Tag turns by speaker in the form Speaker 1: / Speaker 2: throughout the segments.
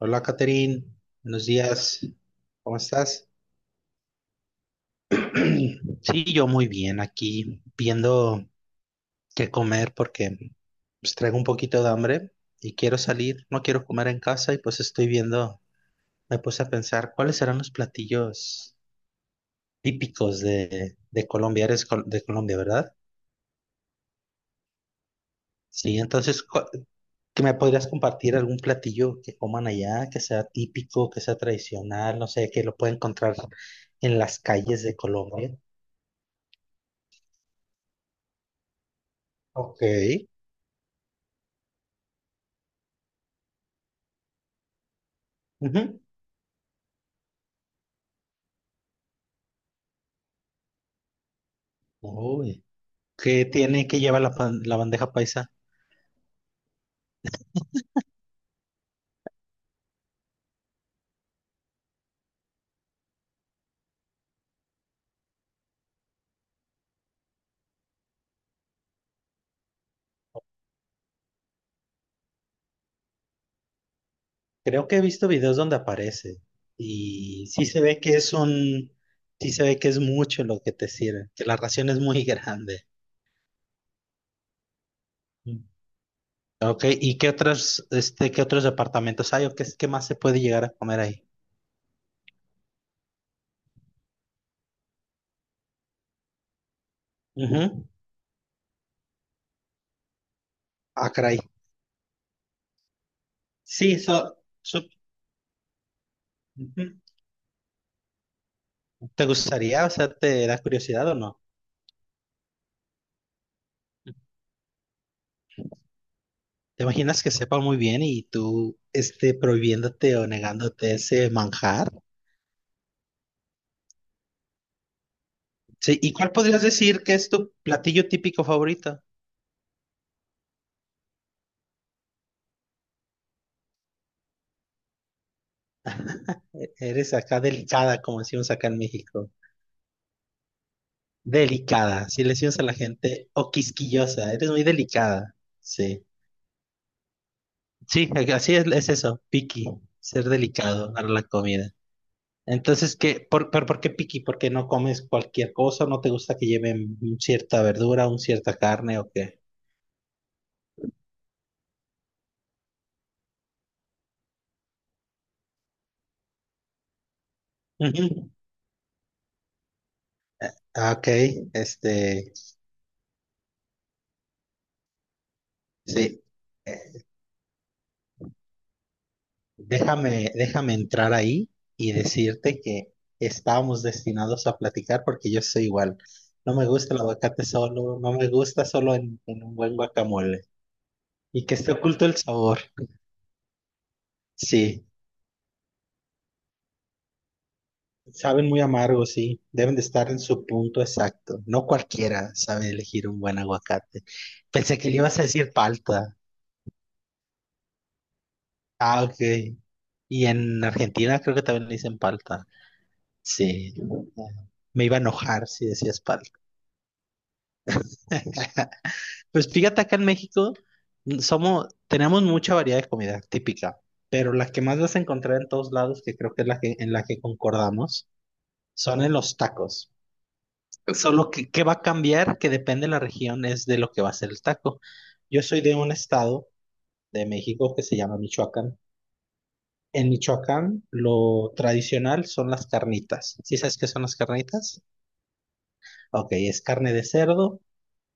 Speaker 1: Hola, Catherine. Buenos días. ¿Cómo estás? Sí, yo muy bien aquí, viendo qué comer porque pues, traigo un poquito de hambre y quiero salir. No quiero comer en casa y pues estoy viendo, me puse a pensar cuáles serán los platillos típicos de Colombia. Eres de Colombia, ¿verdad? Sí, entonces, ¿qué me podrías compartir algún platillo que coman allá, que sea típico, que sea tradicional, no sé, que lo pueda encontrar en las calles de Colombia? Ok. Ujú. Uy, ¿qué tiene que llevar la bandeja paisa? Creo que he visto videos donde aparece y sí se ve que es sí se ve que es mucho lo que te sirve, que la ración es muy grande. Mm. Ok, ¿y qué otros, este, qué otros departamentos hay o qué, qué más se puede llegar a comer ahí? Ujú. Ah, caray. Sí, so- ujú. ¿Te gustaría, o sea, te da curiosidad o no? ¿Te imaginas que sepa muy bien y tú este, prohibiéndote o negándote ese manjar? Sí, ¿y cuál podrías decir que es tu platillo típico favorito? Eres acá delicada, como decimos acá en México. Delicada, si le decimos a la gente, o quisquillosa, eres muy delicada. Sí, sí, así es eso, picky, ser delicado para la comida. Entonces, ¿qué? ¿Por, pero por qué picky? ¿Porque no comes cualquier cosa? ¿No te gusta que lleven cierta verdura, un cierta carne o qué? Ujú. Ah, ok, este, sí, eh, déjame entrar ahí y decirte que estábamos destinados a platicar porque yo soy igual. No me gusta el aguacate solo, no me gusta solo en un buen guacamole. Y que esté oculto el sabor. Sí, saben muy amargos, sí. Deben de estar en su punto exacto. No cualquiera sabe elegir un buen aguacate. Pensé que le ibas a decir palta. Ah, ok. Y en Argentina creo que también le dicen palta. Sí, me iba a enojar si decías pal. Pues fíjate, acá en México somos, tenemos mucha variedad de comida típica, pero la que más vas a encontrar en todos lados, que creo que es la que, en la que concordamos, son en los tacos. Solo que, ¿qué va a cambiar? Que depende de la región, es de lo que va a ser el taco. Yo soy de un estado de México que se llama Michoacán. En Michoacán, lo tradicional son las carnitas. ¿Sí sabes qué son las carnitas? Ok, es carne de cerdo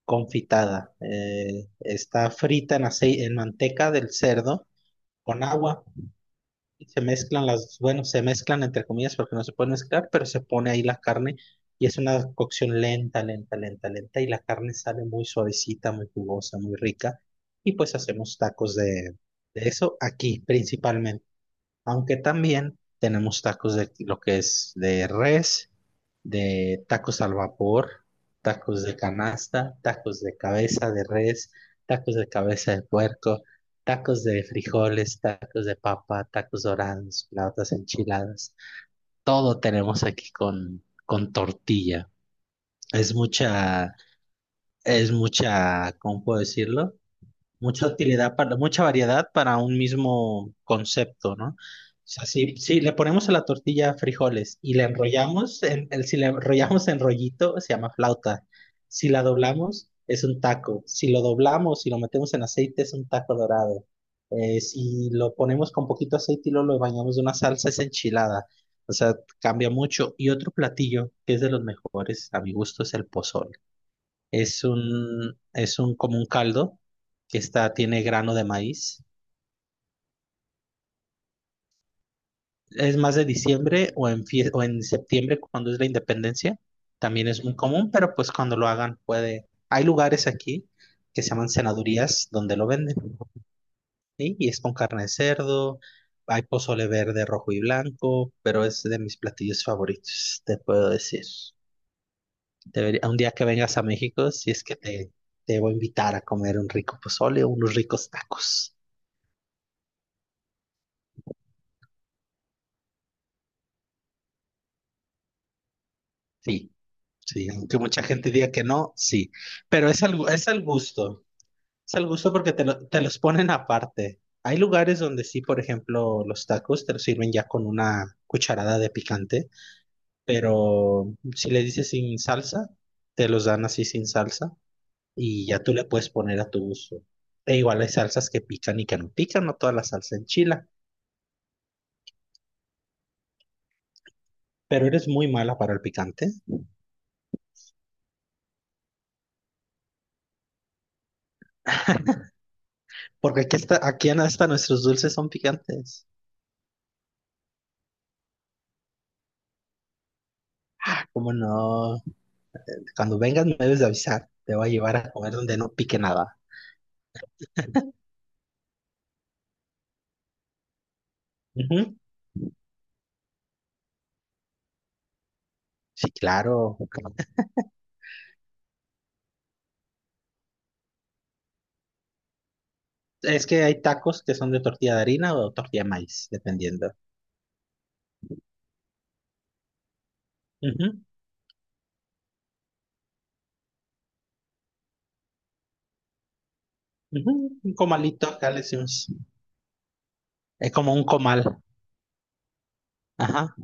Speaker 1: confitada. Está frita en aceite, en manteca del cerdo con agua. Y se mezclan las, bueno, se mezclan entre comillas porque no se puede mezclar, pero se pone ahí la carne y es una cocción lenta, lenta, lenta, lenta y la carne sale muy suavecita, muy jugosa, muy rica. Y pues hacemos tacos de eso aquí principalmente. Aunque también tenemos tacos de lo que es de res, de tacos al vapor, tacos de canasta, tacos de cabeza de res, tacos de cabeza de puerco, tacos de frijoles, tacos de papa, tacos dorados, flautas enchiladas. Todo tenemos aquí con tortilla. Es mucha, es mucha, ¿cómo puedo decirlo? Mucha utilidad para, mucha variedad para un mismo concepto, ¿no? O sea, si le ponemos a la tortilla frijoles y le enrollamos, si le enrollamos en rollito, se llama flauta. Si la doblamos, es un taco. Si lo doblamos y lo metemos en aceite, es un taco dorado. Si lo ponemos con poquito aceite y luego lo bañamos de una salsa, es enchilada. O sea, cambia mucho. Y otro platillo que es de los mejores, a mi gusto, es el pozole. Es un como un caldo que está, tiene grano de maíz. Es más de diciembre o o en septiembre cuando es la independencia. También es muy común, pero pues cuando lo hagan puede. Hay lugares aquí que se llaman senadurías donde lo venden. ¿Sí? Y es con carne de cerdo, hay pozole verde, rojo y blanco, pero es de mis platillos favoritos, te puedo decir. Un día que vengas a México, si es que te voy a invitar a comer un rico pozole o unos ricos tacos. Sí. Sí, aunque mucha gente diga que no, sí. Pero es al gusto. Es al gusto porque te los ponen aparte. Hay lugares donde sí, por ejemplo, los tacos te los sirven ya con una cucharada de picante, pero si le dices sin salsa, te los dan así sin salsa y ya tú le puedes poner a tu gusto. E igual hay salsas que pican y que no pican, no toda la salsa enchila, pero eres muy mala para el picante, porque aquí, está, aquí hasta nuestros dulces son picantes. ¿Cómo no? Cuando vengas me debes de avisar. Te voy a llevar a comer donde no pique nada. Ujú. Sí, claro. Es que hay tacos que son de tortilla de harina o tortilla de maíz, dependiendo. Ujú, ujú. Un comalito, acá le decimos. Es como un comal. Ajá.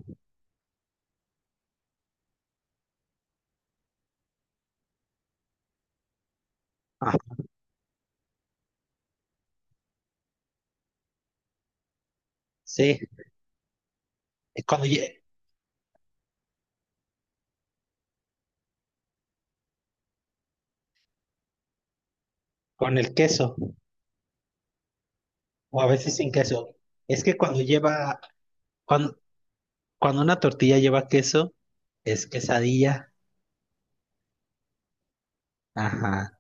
Speaker 1: Ah, sí. Es con el queso, o a veces sin queso. Es que cuando lleva, cuando, cuando una tortilla lleva queso, es quesadilla. Ajá.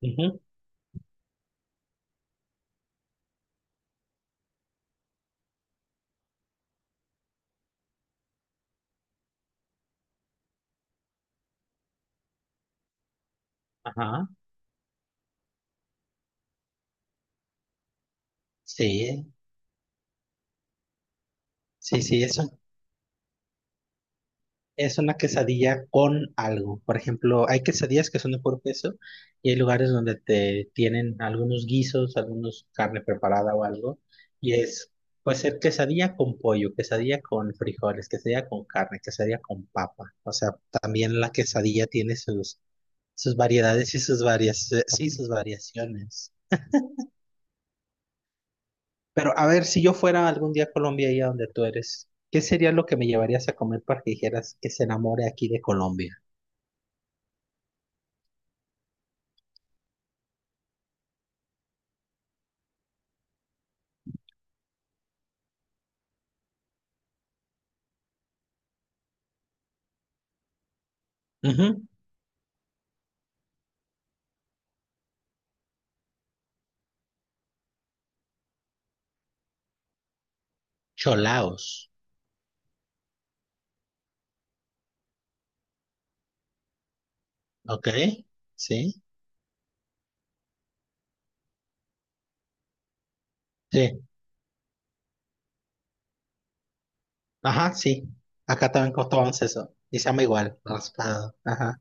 Speaker 1: Ujú, ajá. Sí, sí, sí, eso. Es una quesadilla con algo. Por ejemplo, hay quesadillas que son de puro queso y hay lugares donde te tienen algunos guisos, algunos carne preparada o algo. Y es, puede ser quesadilla con pollo, quesadilla con frijoles, quesadilla con carne, quesadilla con papa. O sea, también la quesadilla tiene sus, sus variedades y sus varias, sí, sus variaciones. Pero a ver, si yo fuera algún día a Colombia, ahí a donde tú eres, ¿qué sería lo que me llevarías a comer para que dijeras que se enamore aquí de Colombia? Ujú. Cholaos, ¿ok? Sí, sí, ajá, sí. Acá también costaban eso. Y se llama igual, raspado. Ajá.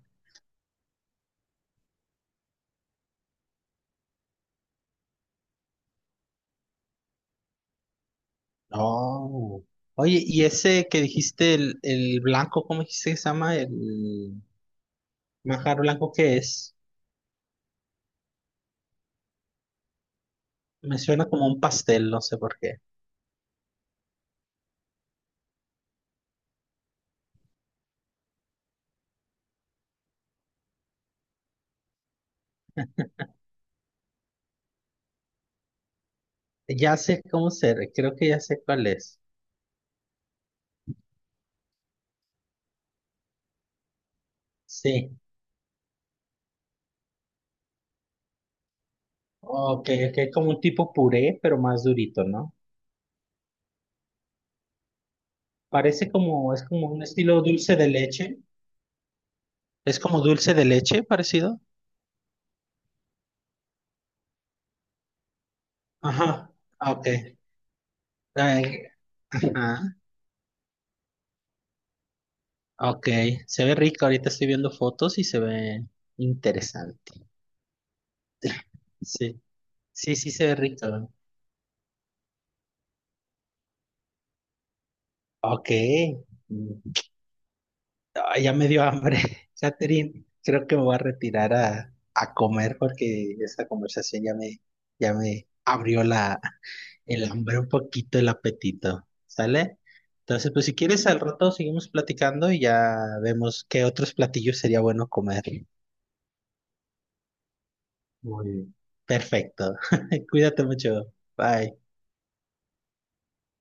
Speaker 1: Oh. Oye, y ese que dijiste, el blanco, ¿cómo dijiste que se llama? El manjar blanco, ¿qué es? Me suena como un pastel, no sé por qué. Ya sé cómo ser, creo que ya sé cuál es. Sí. Ok, que es como un tipo puré, pero más durito, ¿no? Parece como, es como un estilo dulce de leche. Es como dulce de leche, parecido. Ajá, ah, ok. Ay, ah, ok, se ve rico. Ahorita estoy viendo fotos y se ve interesante. Sí. Sí, sí se ve rico. ¿No? Ok. Mm, ah, ya me dio hambre. Catherine, creo que me voy a retirar a comer porque esta conversación ya me abrió la, el hambre un poquito, el apetito. ¿Sale? Entonces, pues si quieres, al rato seguimos platicando y ya vemos qué otros platillos sería bueno comer. Muy bien. Perfecto. Cuídate mucho. Bye.